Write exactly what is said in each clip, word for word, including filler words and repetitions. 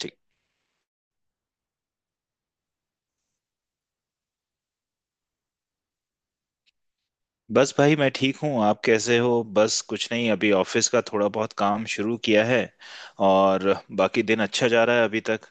ठीक। बस भाई, मैं ठीक हूँ। आप कैसे हो? बस कुछ नहीं, अभी ऑफिस का थोड़ा बहुत काम शुरू किया है और बाकी दिन अच्छा जा रहा है अभी तक।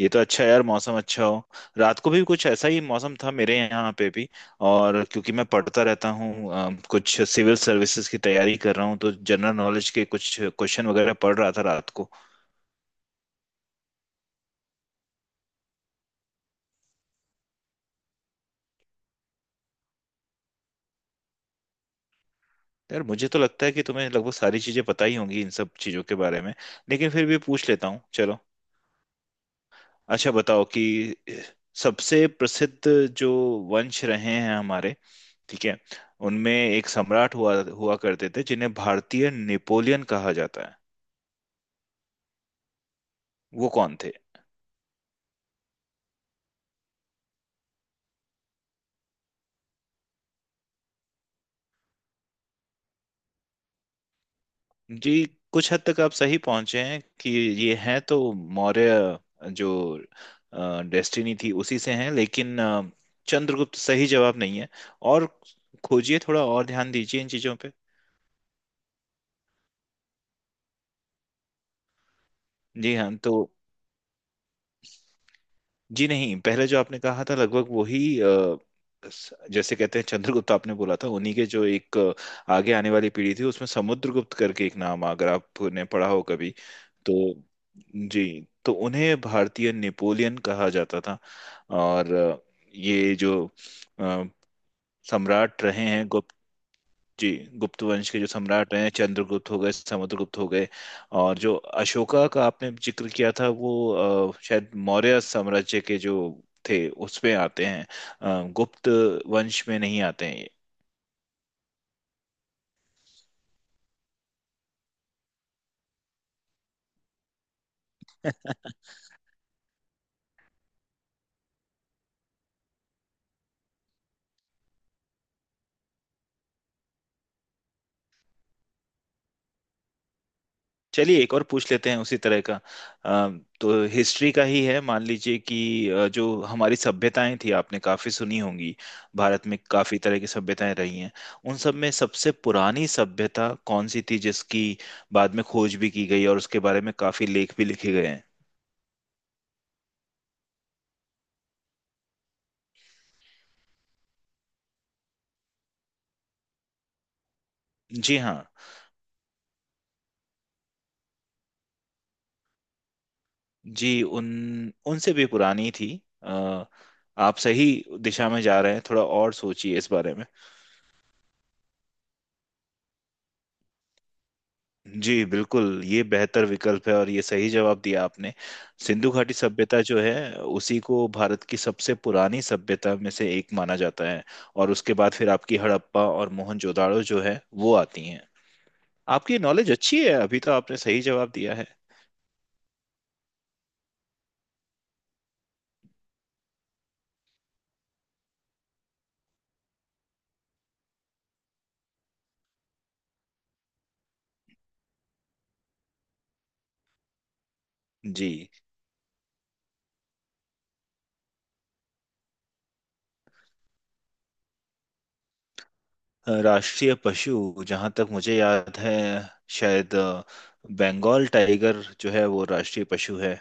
ये तो अच्छा है यार, मौसम अच्छा हो। रात को भी कुछ ऐसा ही मौसम था मेरे यहाँ पे भी। और क्योंकि मैं पढ़ता रहता हूँ, अ, कुछ सिविल सर्विसेज की तैयारी कर रहा हूँ, तो जनरल नॉलेज के कुछ क्वेश्चन वगैरह पढ़ रहा था रात को। यार, मुझे तो लगता है कि तुम्हें लगभग सारी चीजें पता ही होंगी इन सब चीजों के बारे में। लेकिन फिर भी पूछ लेता हूँ, चलो। अच्छा बताओ कि सबसे प्रसिद्ध जो वंश रहे हैं हमारे, ठीक है, उनमें एक सम्राट हुआ हुआ करते थे जिन्हें भारतीय नेपोलियन कहा जाता है। वो कौन थे? जी, कुछ हद तक आप सही पहुंचे हैं कि ये हैं तो मौर्य, जो डेस्टिनी थी उसी से हैं, लेकिन अ, चंद्रगुप्त सही जवाब नहीं है। और खोजिए, थोड़ा और ध्यान दीजिए इन चीजों पे। जी हाँ, तो। जी नहीं, पहले जो आपने कहा था लगभग वही अ, स- जैसे कहते हैं चंद्रगुप्त आपने बोला था, उन्हीं के जो एक अ, आगे आने वाली पीढ़ी थी उसमें समुद्रगुप्त करके एक नाम, अगर आपने पढ़ा हो कभी। तो जी, तो उन्हें भारतीय नेपोलियन कहा जाता था। और अ, ये जो अ, सम्राट रहे हैं। जी, गुप्त वंश के जो सम्राट हैं, चंद्रगुप्त हो गए, समुद्रगुप्त हो गए। और जो अशोका का आपने जिक्र किया था वो अ, शायद मौर्य साम्राज्य के जो थे उसमें आते हैं। अ, गुप्त वंश में नहीं आते हैं ये। चलिए, एक और पूछ लेते हैं उसी तरह का। अ, तो हिस्ट्री का ही है। मान लीजिए कि अ, जो हमारी सभ्यताएं थी, आपने काफी सुनी होंगी। भारत में काफी तरह की सभ्यताएं रही हैं। उन सब में सबसे पुरानी सभ्यता कौन सी थी जिसकी बाद में खोज भी की गई और उसके बारे में काफी लेख भी लिखे गए हैं? जी हाँ। जी, उन उनसे भी पुरानी थी। अ, आप सही दिशा में जा रहे हैं, थोड़ा और सोचिए इस बारे में। जी बिल्कुल, ये बेहतर विकल्प है और ये सही जवाब दिया आपने। सिंधु घाटी सभ्यता जो है, उसी को भारत की सबसे पुरानी सभ्यता में से एक माना जाता है। और उसके बाद फिर आपकी हड़प्पा और मोहनजोदाड़ो जो है वो आती हैं। आपकी नॉलेज अच्छी है, अभी तो आपने सही जवाब दिया है। जी, अ, राष्ट्रीय पशु जहाँ तक मुझे याद है, शायद अ, बंगाल टाइगर जो है वो राष्ट्रीय पशु है।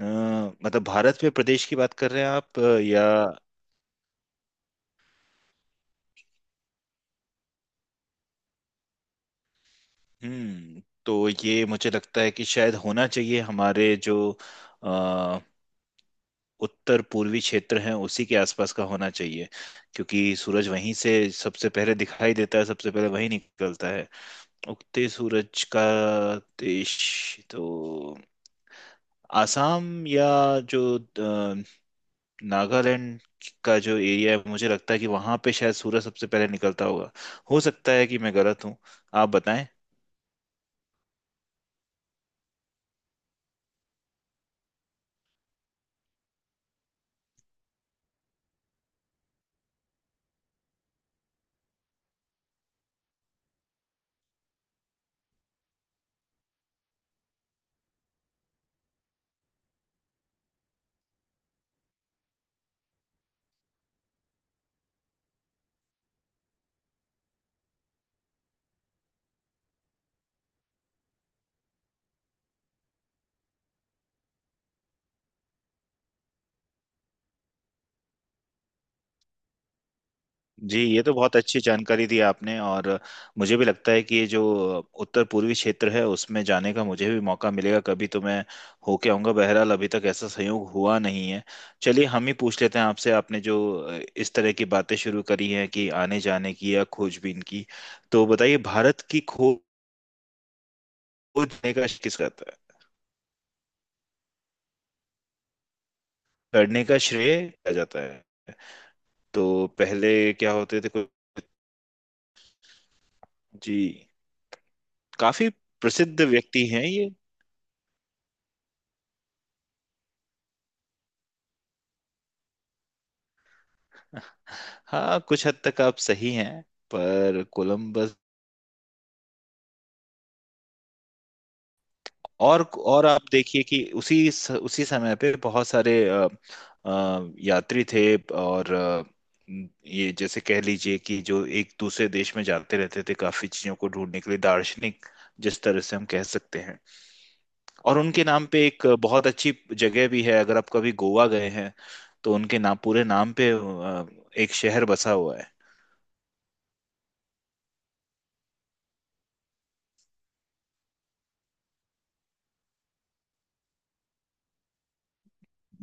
अ, मतलब भारत में प्रदेश की बात कर रहे हैं आप, अ, या? हम्म तो ये मुझे लगता है कि शायद होना चाहिए हमारे जो अ, उत्तर पूर्वी क्षेत्र हैं उसी के आसपास का होना चाहिए। क्योंकि सूरज वहीं से सबसे पहले दिखाई देता है, सबसे पहले वहीं निकलता है। उगते सूरज का देश, तो आसाम या जो अ, नागालैंड का जो एरिया है, मुझे लगता है कि वहां पे शायद सूरज सबसे पहले निकलता होगा। हो सकता है कि मैं गलत हूँ। आप बताएं। जी, ये तो बहुत अच्छी जानकारी दी आपने। और मुझे भी लगता है कि ये जो उत्तर पूर्वी क्षेत्र है उसमें जाने का मुझे भी मौका मिलेगा कभी, तो मैं होके आऊंगा। बहरहाल अभी तक ऐसा संयोग हुआ नहीं है। चलिए हम ही पूछ लेते हैं आपसे। आपने जो इस तरह की बातें शुरू करी हैं कि आने जाने की या खोजबीन की। तो बताइए, भारत की खोज करने का किस करता है, करने का श्रेय किया जाता है? तो पहले क्या होते थे कुछ? जी, काफी प्रसिद्ध व्यक्ति हैं ये। हाँ, कुछ हद तक आप सही हैं, पर कोलंबस। और और आप देखिए कि उसी स- उसी समय पे बहुत सारे अ, अ, यात्री थे। और अ, ये जैसे कह लीजिए कि जो एक दूसरे देश में जाते रहते थे काफी चीजों को ढूंढने के लिए, दार्शनिक जिस तरह से हम कह सकते हैं। और उनके नाम पे एक बहुत अच्छी जगह भी है, अगर आप कभी गोवा गए हैं तो उनके नाम, पूरे नाम पे अ, एक शहर बसा हुआ है।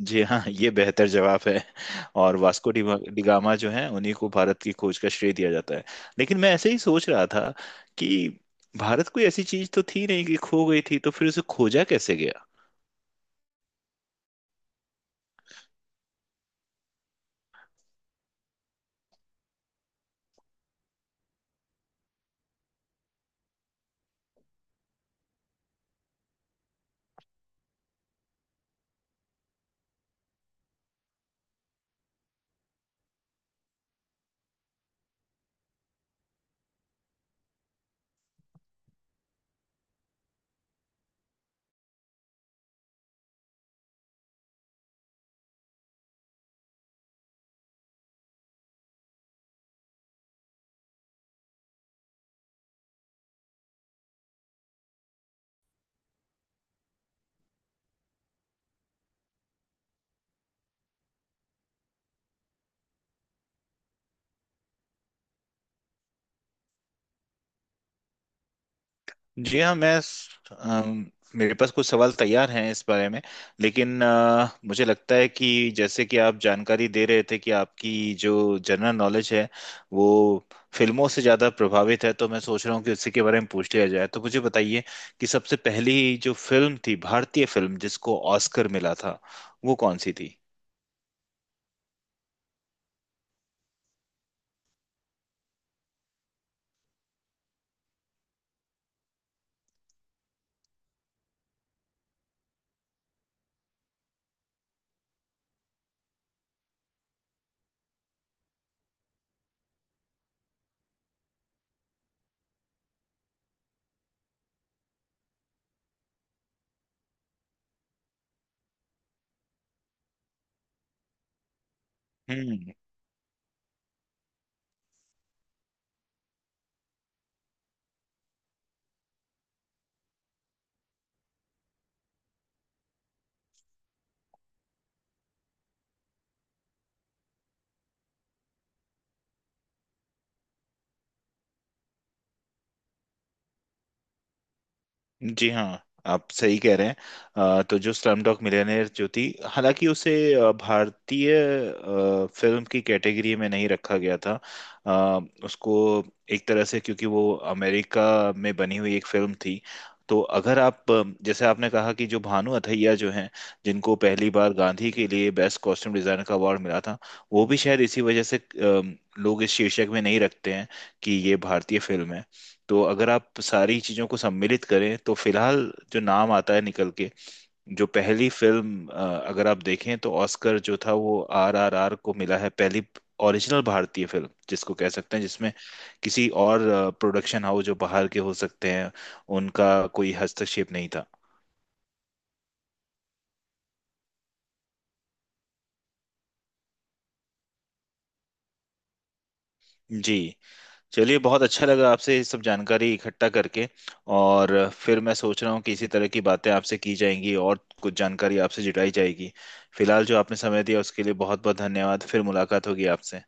जी हाँ, ये बेहतर जवाब है। और वास्को डी डिगामा जो है, उन्हीं को भारत की खोज का श्रेय दिया जाता है। लेकिन मैं ऐसे ही सोच रहा था कि भारत कोई ऐसी चीज तो थी नहीं कि खो गई थी, तो फिर उसे खोजा कैसे? जी हाँ, मैं अम, मेरे पास कुछ सवाल तैयार हैं इस बारे में। लेकिन अ, मुझे लगता है कि जैसे कि आप जानकारी दे रहे थे कि आपकी जो जनरल नॉलेज है वो फिल्मों से ज़्यादा प्रभावित है। तो मैं सोच रहा हूँ कि उसी के बारे में पूछ लिया जाए। तो मुझे बताइए कि सबसे पहली जो फिल्म थी भारतीय फिल्म जिसको ऑस्कर मिला था, वो कौन सी थी? हम्म। जी हाँ, आप सही कह रहे हैं। अ, तो जो स्लमडॉग मिलियनेयर जो थी, हालांकि उसे अ, भारतीय अ, फिल्म की कैटेगरी में नहीं रखा गया था। अ, उसको एक तरह से, क्योंकि वो अमेरिका में बनी हुई एक फिल्म थी। तो अगर आप अ, जैसे आपने कहा कि जो भानु अथैया जो हैं, जिनको पहली बार गांधी के लिए बेस्ट कॉस्ट्यूम डिजाइनर का अवार्ड मिला था, वो भी शायद इसी वजह से अ, लोग इस शीर्षक में नहीं रखते हैं कि ये भारतीय फिल्म है। तो अगर आप सारी चीजों को सम्मिलित करें तो फिलहाल जो नाम आता है निकल के, जो पहली फिल्म, अ, अगर आप देखें तो ऑस्कर जो था वो आर आर आर को मिला है। पहली ओरिजिनल भारतीय फिल्म जिसको कह सकते हैं, जिसमें किसी और प्रोडक्शन हाउस जो बाहर के हो सकते हैं, उनका कोई हस्तक्षेप नहीं था। जी। चलिए, बहुत अच्छा लगा आपसे ये सब जानकारी इकट्ठा करके। और फिर मैं सोच रहा हूँ कि इसी तरह की बातें आपसे की जाएंगी और कुछ जानकारी आपसे जुटाई जाएगी। फिलहाल जो आपने समय दिया उसके लिए बहुत बहुत धन्यवाद। फिर मुलाकात होगी आपसे।